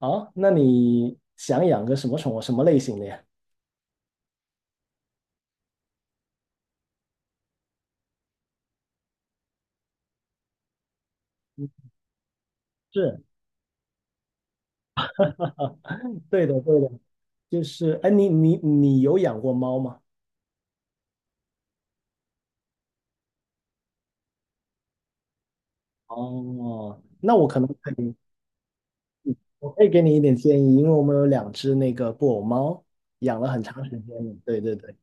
好，那你想养个什么宠物，什么类型的呀？是。对的，对的，就是，哎，你有养过猫吗？哦，那我可能可以，我可以给你一点建议，因为我们有两只那个布偶猫，养了很长时间了。对对对，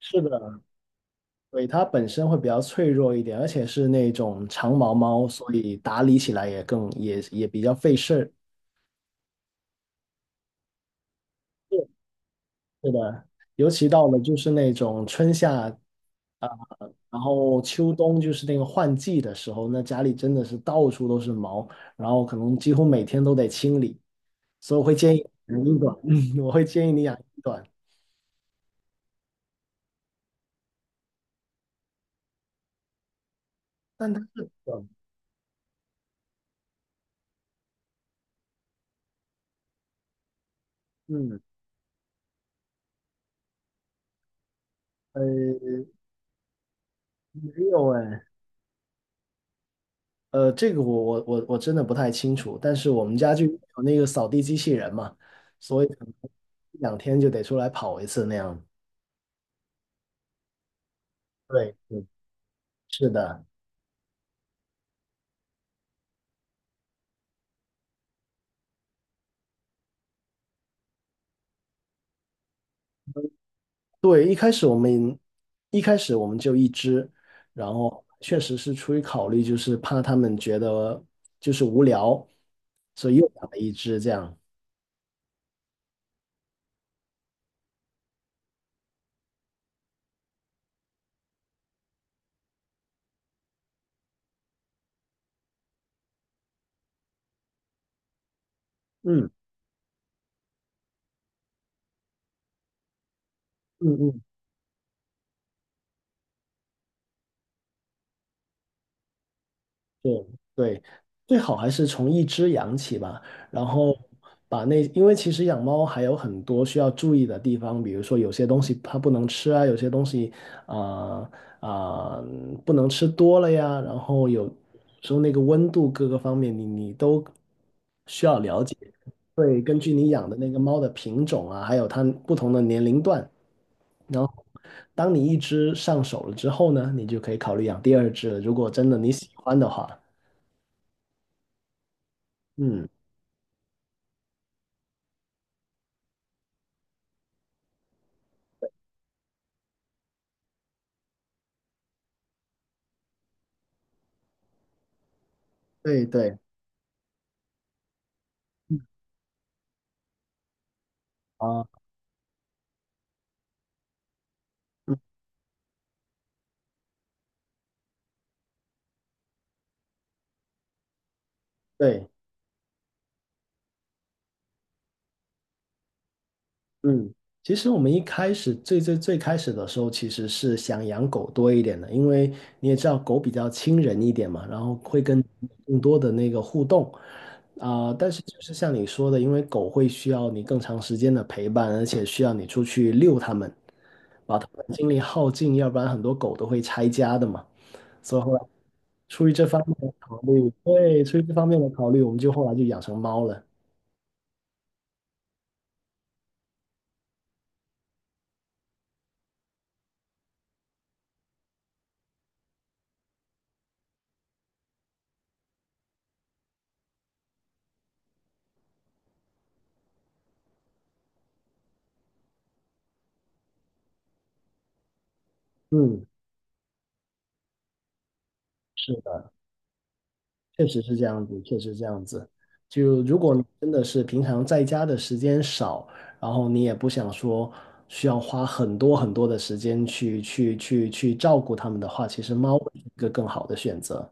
是的。对，它本身会比较脆弱一点，而且是那种长毛猫，所以打理起来也更也比较费事儿。是的，尤其到了就是那种春夏。然后秋冬就是那个换季的时候，那家里真的是到处都是毛，然后可能几乎每天都得清理，所以我会建议养一短，我会建议你养一短。但它是短。嗯，呃，没有哎，呃，这个我我真的不太清楚，但是我们家就有那个扫地机器人嘛，所以可能一两天就得出来跑一次那样。对，嗯，是的。对，一开始我们就一只，然后确实是出于考虑，就是怕他们觉得就是无聊，所以又养了一只这样。嗯嗯嗯。对，最好还是从一只养起吧，然后把那，因为其实养猫还有很多需要注意的地方，比如说有些东西它不能吃啊，有些东西啊啊、呃呃不能吃多了呀，然后有时候那个温度各个方面你都需要了解。会根据你养的那个猫的品种啊，还有它不同的年龄段，然后当你一只上手了之后呢，你就可以考虑养第二只了，如果真的你喜欢的话。嗯。对对啊，嗯，对，嗯，其实我们一开始最开始的时候，其实是想养狗多一点的，因为你也知道狗比较亲人一点嘛，然后会跟更多的那个互动，但是就是像你说的，因为狗会需要你更长时间的陪伴，而且需要你出去遛它们，把它们精力耗尽，要不然很多狗都会拆家的嘛，所以后来出于这方面的考虑，对，出于这方面的考虑，我们就后来就养成猫了。嗯。是。确实是这样子，确实是这样子。就如果你真的是平常在家的时间少，然后你也不想说需要花很多很多的时间去照顾它们的话，其实猫会是一个更好的选择。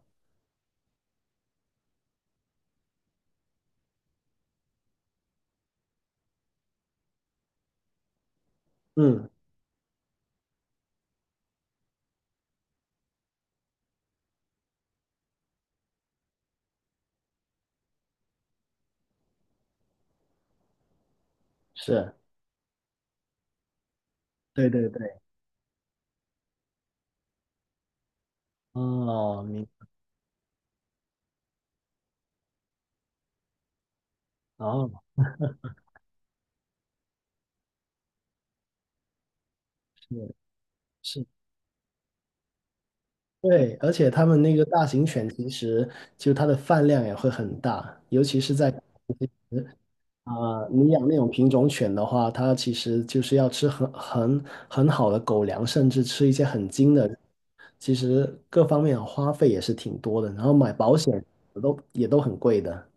嗯，是，对对对。哦，明，哦，是是，对，而且它们那个大型犬其实就它的饭量也会很大，尤其是在。啊、你养那种品种犬的话，它其实就是要吃很好的狗粮，甚至吃一些很精的，其实各方面的花费也是挺多的，然后买保险都也都很贵的。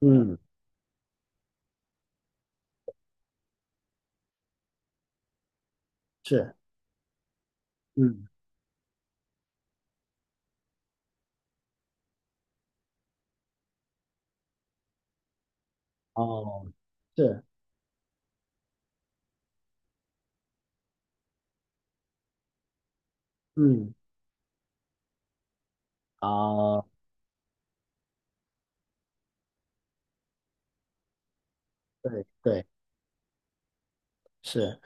嗯，是，嗯，哦，是，嗯，啊、对对是。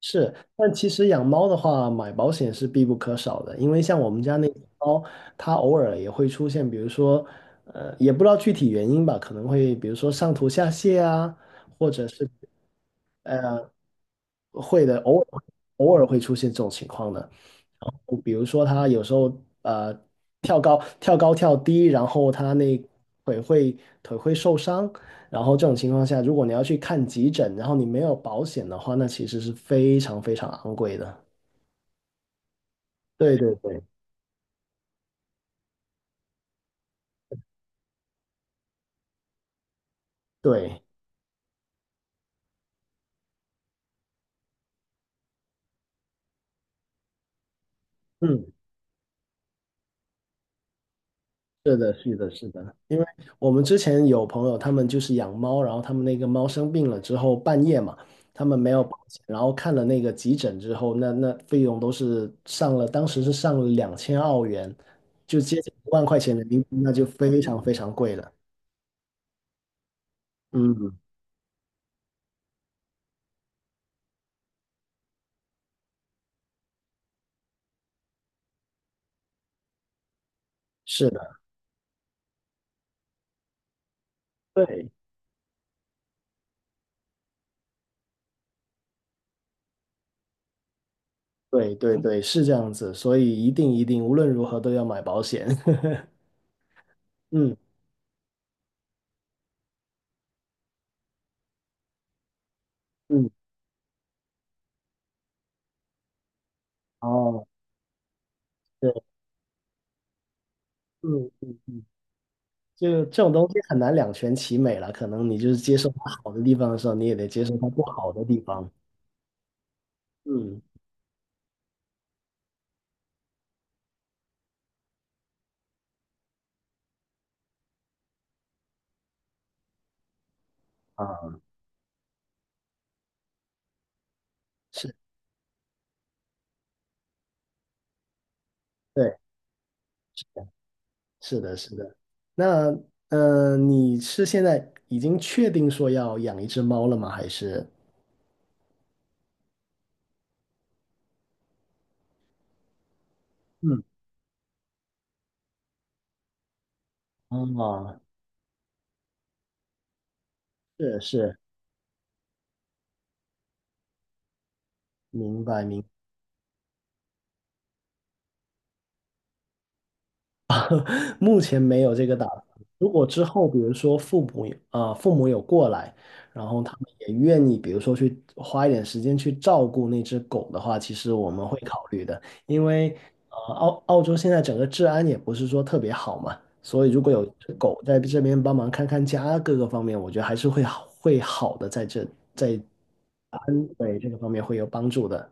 是，但其实养猫的话，买保险是必不可少的，因为像我们家那只猫，它偶尔也会出现，比如说，也不知道具体原因吧，可能会比如说上吐下泻啊，或者是呃，会的，偶尔会出现这种情况的。比如说，它有时候呃跳高跳低，然后它那腿会腿会受伤，然后这种情况下，如果你要去看急诊，然后你没有保险的话，那其实是非常非常昂贵的。对对对对，嗯，是的，是的，是的，因为我们之前有朋友，他们就是养猫，然后他们那个猫生病了之后，半夜嘛，他们没有保险，然后看了那个急诊之后，那那费用都是上了，当时是上了两千澳元，就接近一万块钱人民币，那就非常非常贵了。嗯，是的，对对对对，是这样子，所以一定一定，无论如何都要买保险。嗯嗯，哦，对，嗯嗯嗯。就这种东西很难两全其美了，可能你就是接受它好的地方的时候，你也得接受它不好的地方。嗯，啊，是，对，是的，是的。那，你是现在已经确定说要养一只猫了吗？还是？嗯，哦，是是，明白明。目前没有这个打算。如果之后，比如说父母有父母有过来，然后他们也愿意，比如说去花一点时间去照顾那只狗的话，其实我们会考虑的，因为澳洲现在整个治安也不是说特别好嘛，所以如果有只狗在这边帮忙看看家各个方面，我觉得还是会好的，在这在安对这个方面会有帮助的。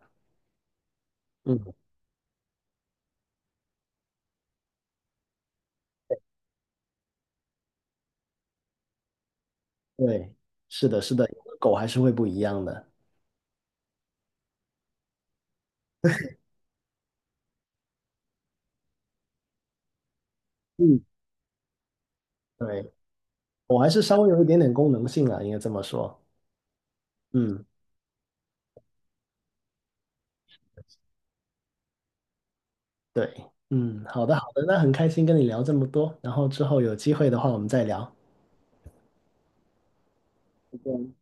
嗯，对，是的，是的，有个狗还是会不一样的。嗯，对。我还是稍微有一点点功能性啊，应该这么说。嗯，对，嗯，好的，好的，那很开心跟你聊这么多，然后之后有机会的话我们再聊。再见